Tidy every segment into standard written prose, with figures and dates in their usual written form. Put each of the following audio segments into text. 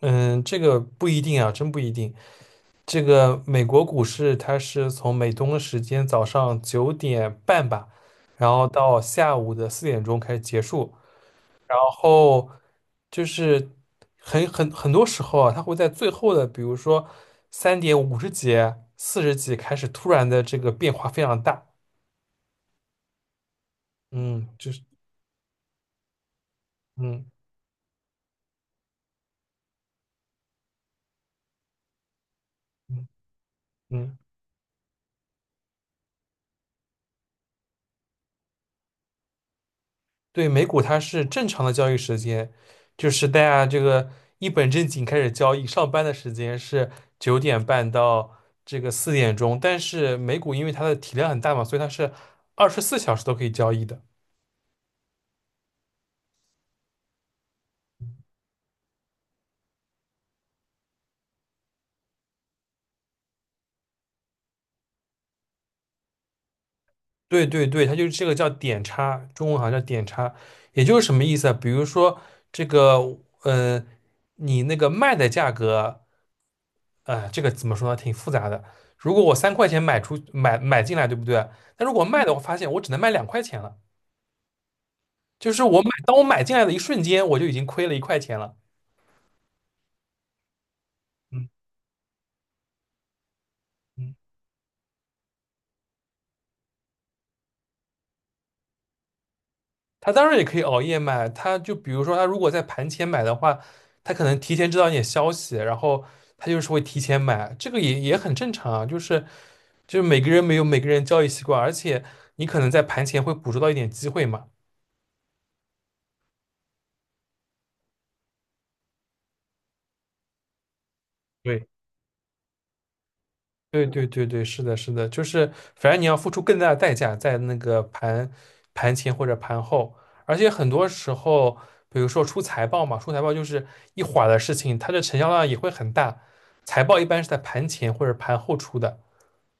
嗯，这个不一定啊，真不一定。这个美国股市它是从美东的时间早上九点半吧，然后到下午的四点钟开始结束，然后就是很多时候啊，它会在最后的，比如说三点五十几、四十几开始突然的这个变化非常大。嗯，就是嗯嗯嗯。对，美股它是正常的交易时间，就是大家这个一本正经开始交易，上班的时间是九点半到这个四点钟，但是美股因为它的体量很大嘛，所以它是24小时都可以交易的。对对对，它就是这个叫点差，中文好像叫点差，也就是什么意思啊？比如说这个，你那个卖的价格，这个怎么说呢？挺复杂的。如果我3块钱买出买买进来，对不对？那如果卖的，我发现我只能卖2块钱了，就是当我买进来的一瞬间，我就已经亏了1块钱了。嗯嗯。他当然也可以熬夜买，他就比如说他如果在盘前买的话，他可能提前知道一点消息，然后他就是会提前买，这个也很正常啊，就是每个人没有每个人交易习惯，而且你可能在盘前会捕捉到一点机会嘛。对。对对对对，是的，是的，就是反正你要付出更大的代价在那个盘前或者盘后，而且很多时候，比如说出财报嘛，出财报就是一会儿的事情，它的成交量也会很大。财报一般是在盘前或者盘后出的，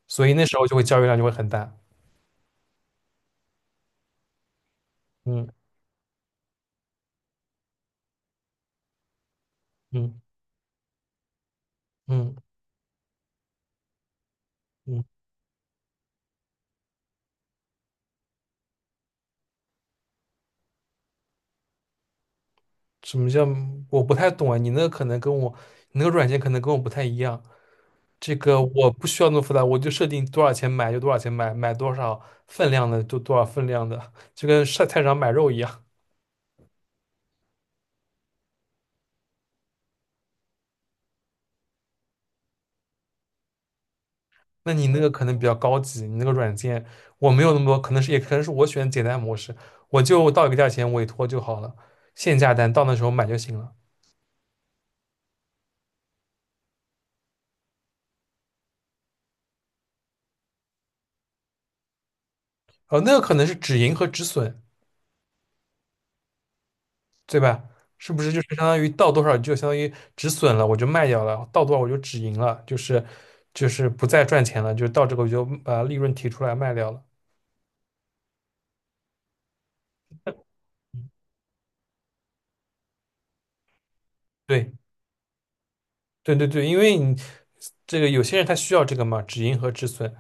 所以那时候就会交易量就会很大。嗯嗯嗯嗯，什么叫我不太懂啊？你那个软件可能跟我不太一样。这个我不需要那么复杂，我就设定多少钱买就多少钱买，买多少分量的就多少分量的，就跟上菜市场买肉一样。那你那个可能比较高级，你那个软件我没有那么多，可能是也可能是我选简单模式，我就到一个价钱委托就好了，限价单到那时候买就行了。那个可能是止盈和止损，对吧？是不是就是相当于到多少就相当于止损了，我就卖掉了，到多少我就止盈了，就是不再赚钱了，就到这个我就把利润提出来卖掉了。对。对对对，因为你这个有些人他需要这个嘛，止盈和止损，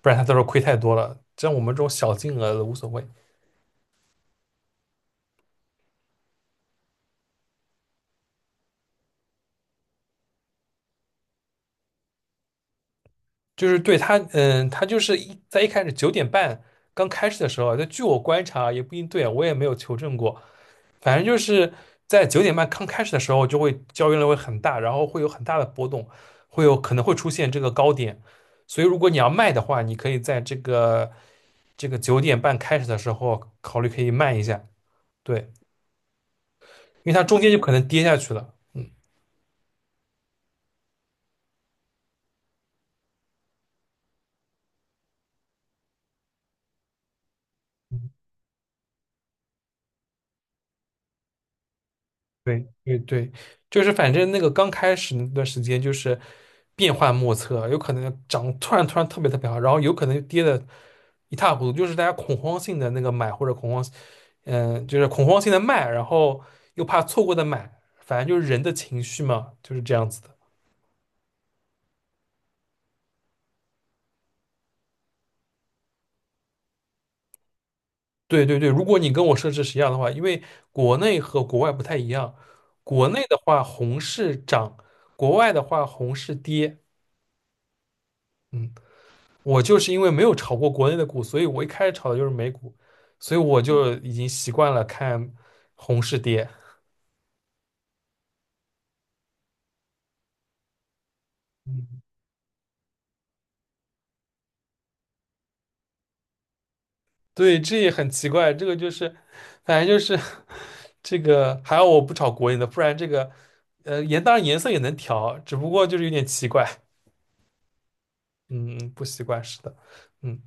不然他到时候亏太多了。像我们这种小金额的无所谓，就是对他，他就是一开始九点半刚开始的时候啊，就据我观察啊也不一定对啊我也没有求证过，反正就是在九点半刚开始的时候，就会交易量会很大，然后会有很大的波动，会有可能会出现这个高点，所以如果你要卖的话，你可以在这个九点半开始的时候考虑可以卖一下，对。因为它中间就可能跌下去了。嗯，对，对对，就是反正那个刚开始那段时间就是变幻莫测，有可能涨突然突然特别特别好，然后有可能就跌的一塌糊涂，就是大家恐慌性的那个买或者恐慌，就是恐慌性的卖，然后又怕错过的买，反正就是人的情绪嘛，就是这样子的。对对对，如果你跟我设置是一样的话，因为国内和国外不太一样，国内的话红是涨，国外的话红是跌。嗯。我就是因为没有炒过国内的股，所以我一开始炒的就是美股，所以我就已经习惯了看红是跌。嗯，对，这也很奇怪，这个就是，反正就是这个，还好我不炒国内的，不然这个，当然颜色也能调，只不过就是有点奇怪，嗯，不习惯，是的，嗯。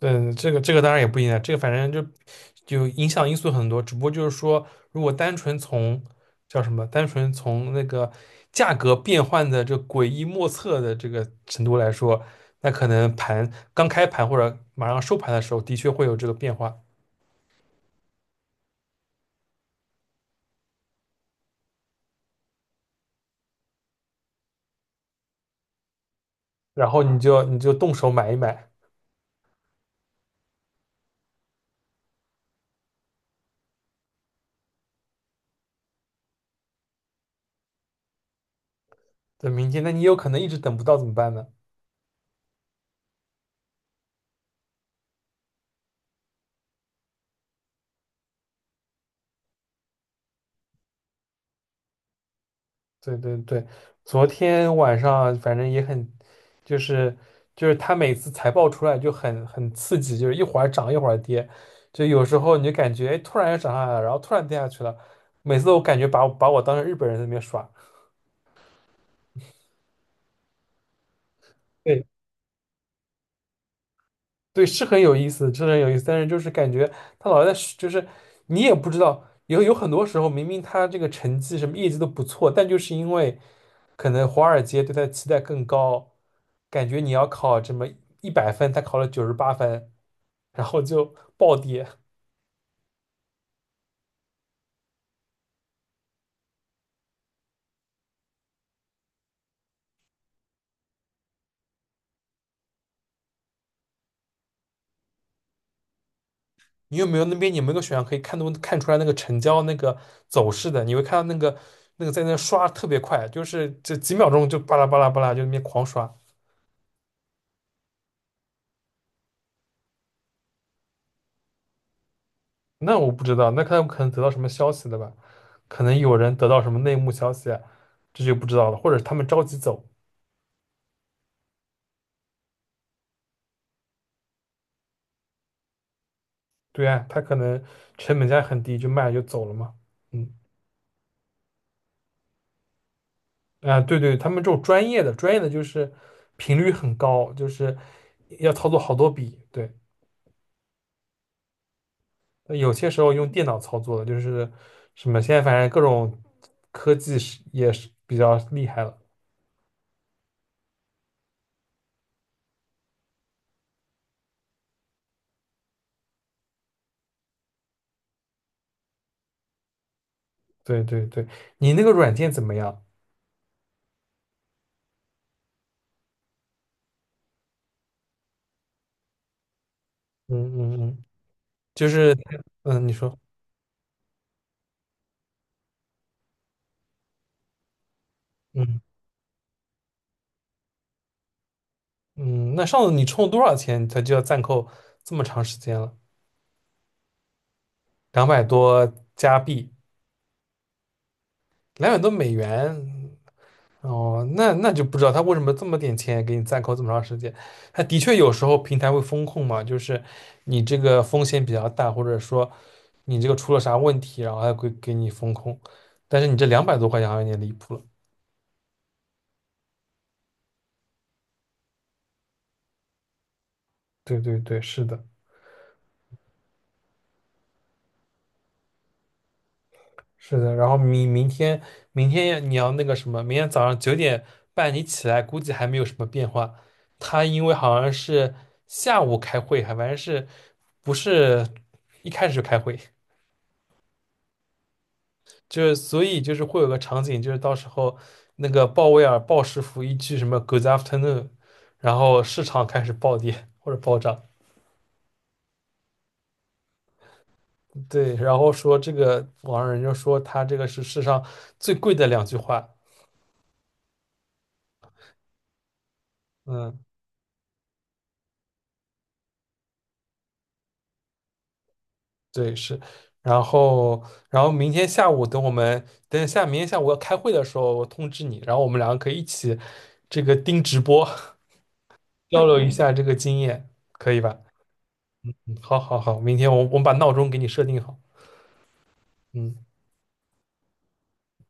嗯，这个当然也不一样，这个反正就影响因素很多，只不过就是说，如果单纯从叫什么，单纯从那个价格变换的这诡异莫测的这个程度来说，那可能盘刚开盘或者马上收盘的时候，的确会有这个变化，然后你就动手买一买，等明天，那你有可能一直等不到怎么办呢？对对对，昨天晚上反正也很，就是就是他每次财报出来就很刺激，就是一会儿涨一会儿跌，就有时候你就感觉哎突然又涨上来了，然后突然跌下去了，每次我感觉把我当成日本人在那边耍，对对，是很有意思，是很有意思，但是就是感觉他老在是就是你也不知道，有很多时候明明他这个成绩什么业绩都不错，但就是因为可能华尔街对他的期待更高。感觉你要考这么100分，他考了98分，然后就暴跌。你有没有那边有没有个选项可以看都看出来那个成交那个走势的？你会看到那个在那刷特别快，就是这几秒钟就巴拉巴拉巴拉就那边狂刷。那我不知道，那看可能得到什么消息的吧？可能有人得到什么内幕消息啊这就不知道了。或者他们着急走，对啊，他可能成本价很低就卖了就走了嘛。嗯。啊，对对，他们这种专业的，专业的就是频率很高，就是要操作好多笔。对，那有些时候用电脑操作的，就是什么现在反正各种科技是也是比较厉害了。对对对，你那个软件怎么样？嗯嗯嗯，就是你说嗯嗯，那上次你充了多少钱，它就要暂扣这么长时间了？两百多加币，两百多美元，哦，那就不知道他为什么这么点钱给你暂扣这么长时间。他的确有时候平台会风控嘛，就是你这个风险比较大，或者说你这个出了啥问题，然后还会给你风控。但是你这200多块钱好像有点离谱了。对对对，是的，是的。然后明天你要那个什么，明天早上九点半你起来，估计还没有什么变化。他因为好像是下午开会，还反正是不是一开始就开会。就是所以就是会有个场景，就是到时候那个鲍威尔鲍师傅一句什么 "Good afternoon"，然后市场开始暴跌或者暴涨，对，然后说这个网上人就说他这个是世上最贵的两句话，嗯，对是，然后然后明天下午等我们等下明天下午要开会的时候我通知你，然后我们两个可以一起这个盯直播交流一下这个经验，可以吧？嗯，好好好，明天我们把闹钟给你设定好，嗯。